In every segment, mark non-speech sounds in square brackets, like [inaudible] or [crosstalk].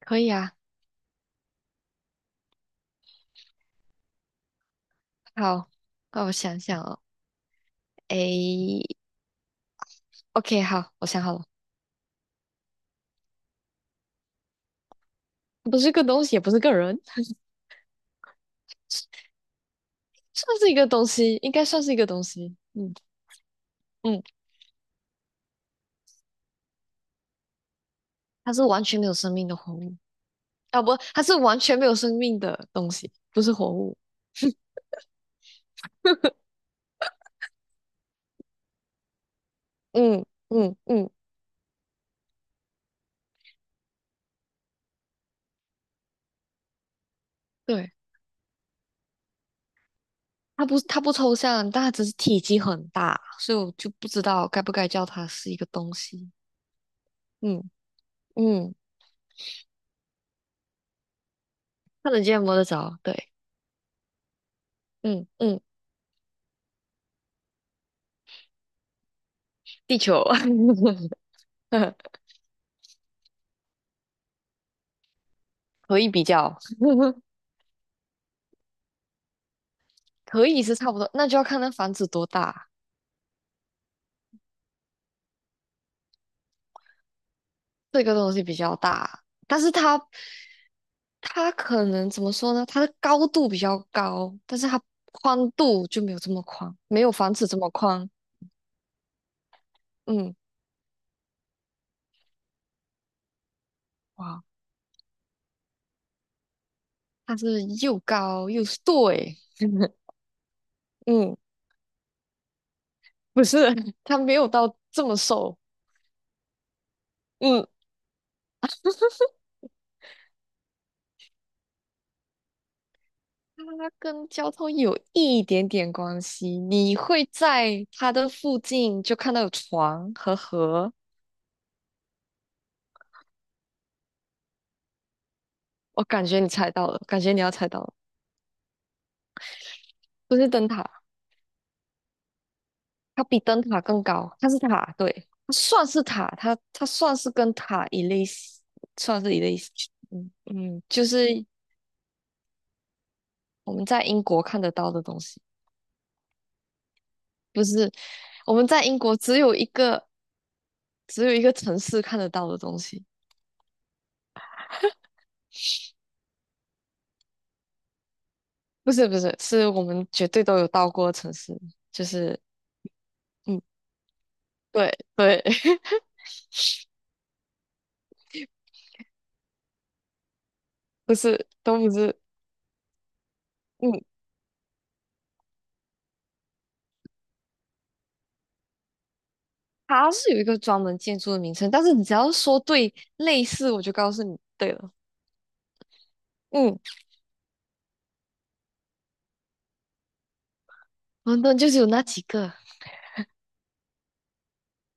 可以啊。好，那我想想哦。诶，OK，好，我想好了。不是个东西，也不是个人。算算是一个东西，应该算是一个东西，嗯。嗯，它是完全没有生命的活物啊，不，它是完全没有生命的东西，不是活物。[laughs] 嗯嗯嗯。对，它不抽象，但它只是体积很大，所以我就不知道该不该叫它是一个东西，嗯。嗯，看得见摸得着，对。嗯嗯。地球。[laughs] 可以比较。[laughs] 可以是差不多，那就要看那房子多大。这个东西比较大，但是它可能怎么说呢？它的高度比较高，但是它宽度就没有这么宽，没有房子这么宽。嗯。哇，它是又高又瘦，诶。嗯，不是，[laughs] 它没有到这么瘦。嗯。它跟交通有一点点关系，你会在它的附近就看到有床和河。我感觉你猜到了，感觉你要猜到了。不是灯塔，它比灯塔更高，它是塔，对，它算是塔，它算是跟塔一类似，算是一类似。嗯嗯，就是我们在英国看得到的东西。不是，我们在英国只有一个只有一个城市看得到的东西。不是不是，是我们绝对都有到过的城市，就是。嗯。对。对。[laughs] 不是都不是。嗯，它是有一个专门建筑的名称，但是你只要说对类似，我就告诉你对了。嗯。伦敦就是有那几个。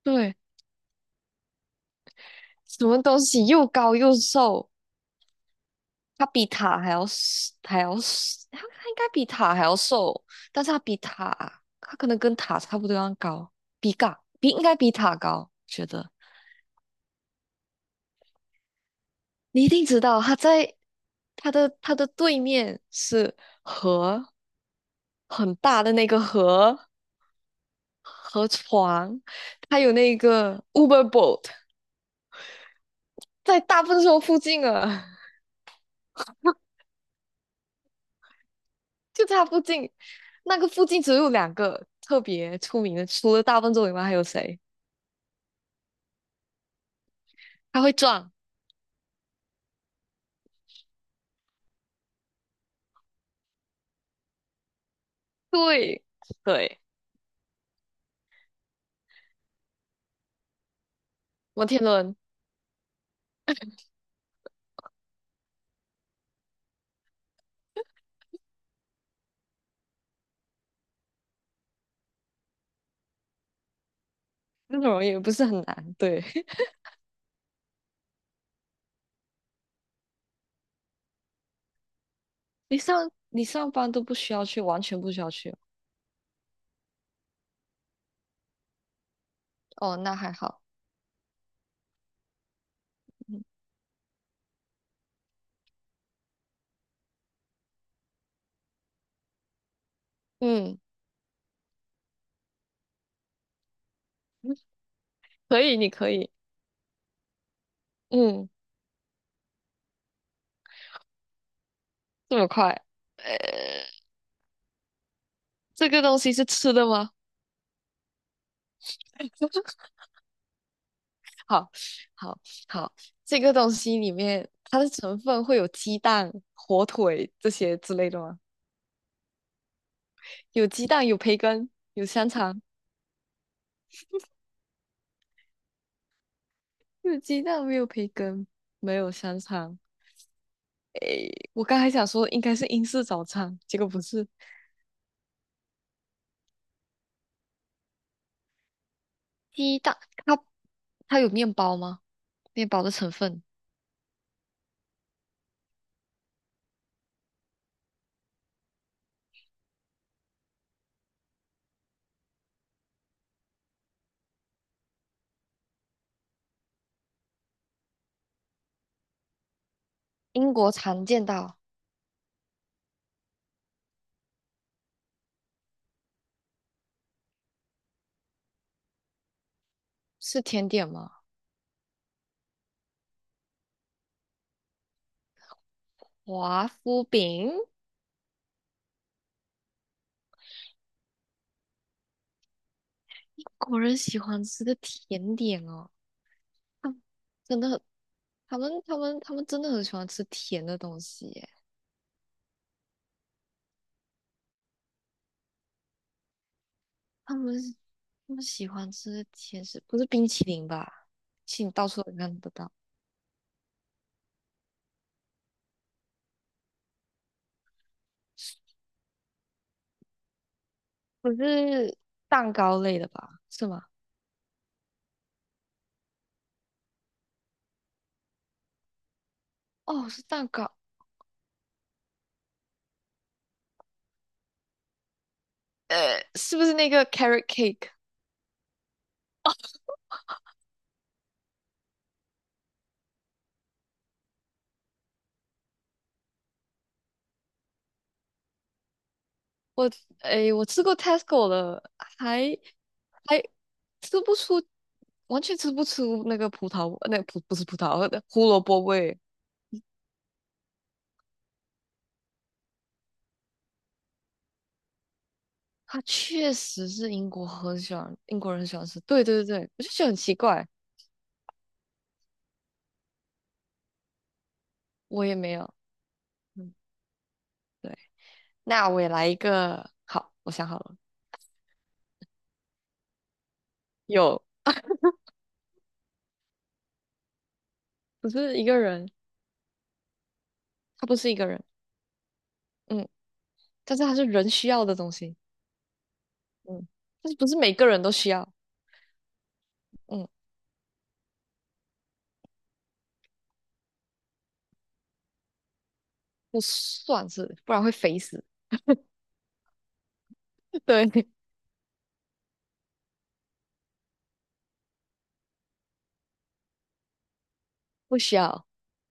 对。什么东西又高又瘦，它比塔还要还要它它应该比塔还要瘦，但是它比塔，它可能跟塔差不多样高，比嘎比应该比塔高，觉得。你一定知道，它在它的它的对面是河，很大的那个河。和床，还有那个 Uber Boat。在大笨兽附近啊。[laughs] 就在它附近。那个附近只有两个特别出名的，除了大笨兽以外还有谁？它会撞。对。对。摩天轮。那种也不是很难。对。[laughs] 你上班都不需要去，完全不需要去。哦，那还好。嗯嗯。可以，你可以。嗯。这么快？呃，这个东西是吃的吗？好，好，好，这个东西里面它的成分会有鸡蛋、火腿这些之类的吗？有鸡蛋，有培根，有香肠。有鸡蛋，没有培根，没有香肠。诶，我刚才想说应该是英式早餐，结果不是。鸡蛋。它它有面包吗？面包的成分。英国常见到。是甜点吗？华夫饼。英国人喜欢吃的甜点哦。啊，真的，他们真的很喜欢吃甜的东西耶。他们，他们喜欢吃甜食，不是冰淇淋吧？其实你到处都看得到。不是蛋糕类的吧？是吗？哦，是蛋糕。呃，是不是那个 carrot cake？我诶，我吃过 Tesco 的。还，还吃不出，完全吃不出那个葡萄，那葡不是葡萄，那胡萝卜味。它确实是英国很喜欢，英国人很喜欢吃。对对对，我就觉得很奇怪。我也没有。嗯。对。那我也来一个。好，我想好了。有。不是一个人。他不是一个人。嗯，但是他是人需要的东西。嗯，但是不是每个人都需要。嗯。不算是，不然会肥死。[laughs] 对。不需要。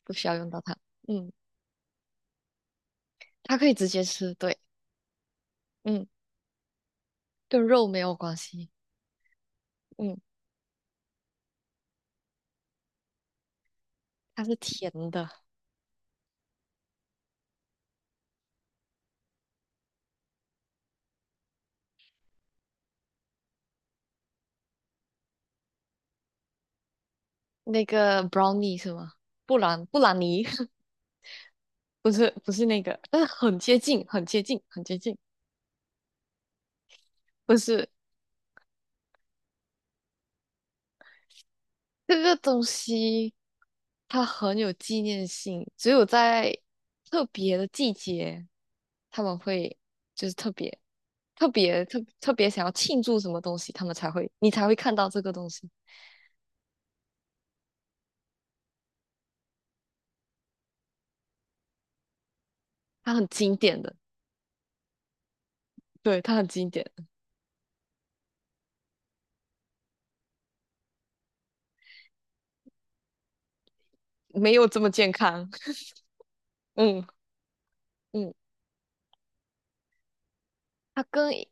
不需要用到它。嗯。它可以直接吃，对。嗯。跟肉没有关系。嗯。它是甜的。那个 brownie 是吗？布朗尼 [laughs] 不是不是那个，但是很接近，很接近，很接近。不是。这个东西。它很有纪念性，只有在特别的季节，他们会就是特别、特别、特特别想要庆祝什么东西，他们才会你才会看到这个东西。它很经典的。对，它很经典的。没有这么健康。[laughs] 嗯嗯。它跟一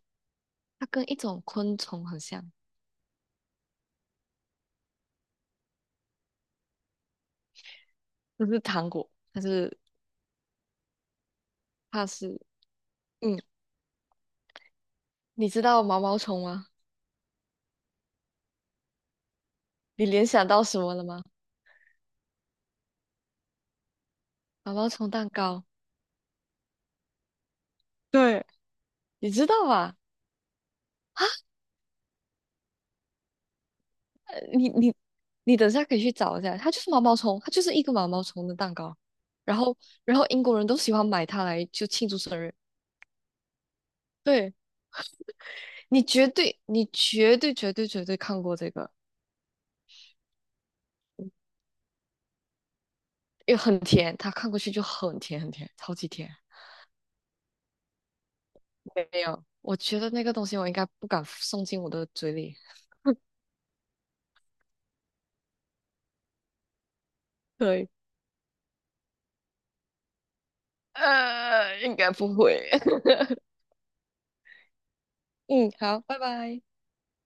它跟一种昆虫很像。就是糖果。它是。它是。嗯，你知道毛毛虫吗？你联想到什么了吗？毛毛虫蛋糕。对，你知道吧？你你你等下可以去找一下，它就是毛毛虫，它就是一个毛毛虫的蛋糕。然后，然后英国人都喜欢买它来就庆祝生日。对，你绝对看过这个。又很甜，它看过去就很甜很甜，超级甜。没有，我觉得那个东西我应该不敢送进我的嘴里。对。呃，应该不会。[laughs] 嗯，好，拜拜。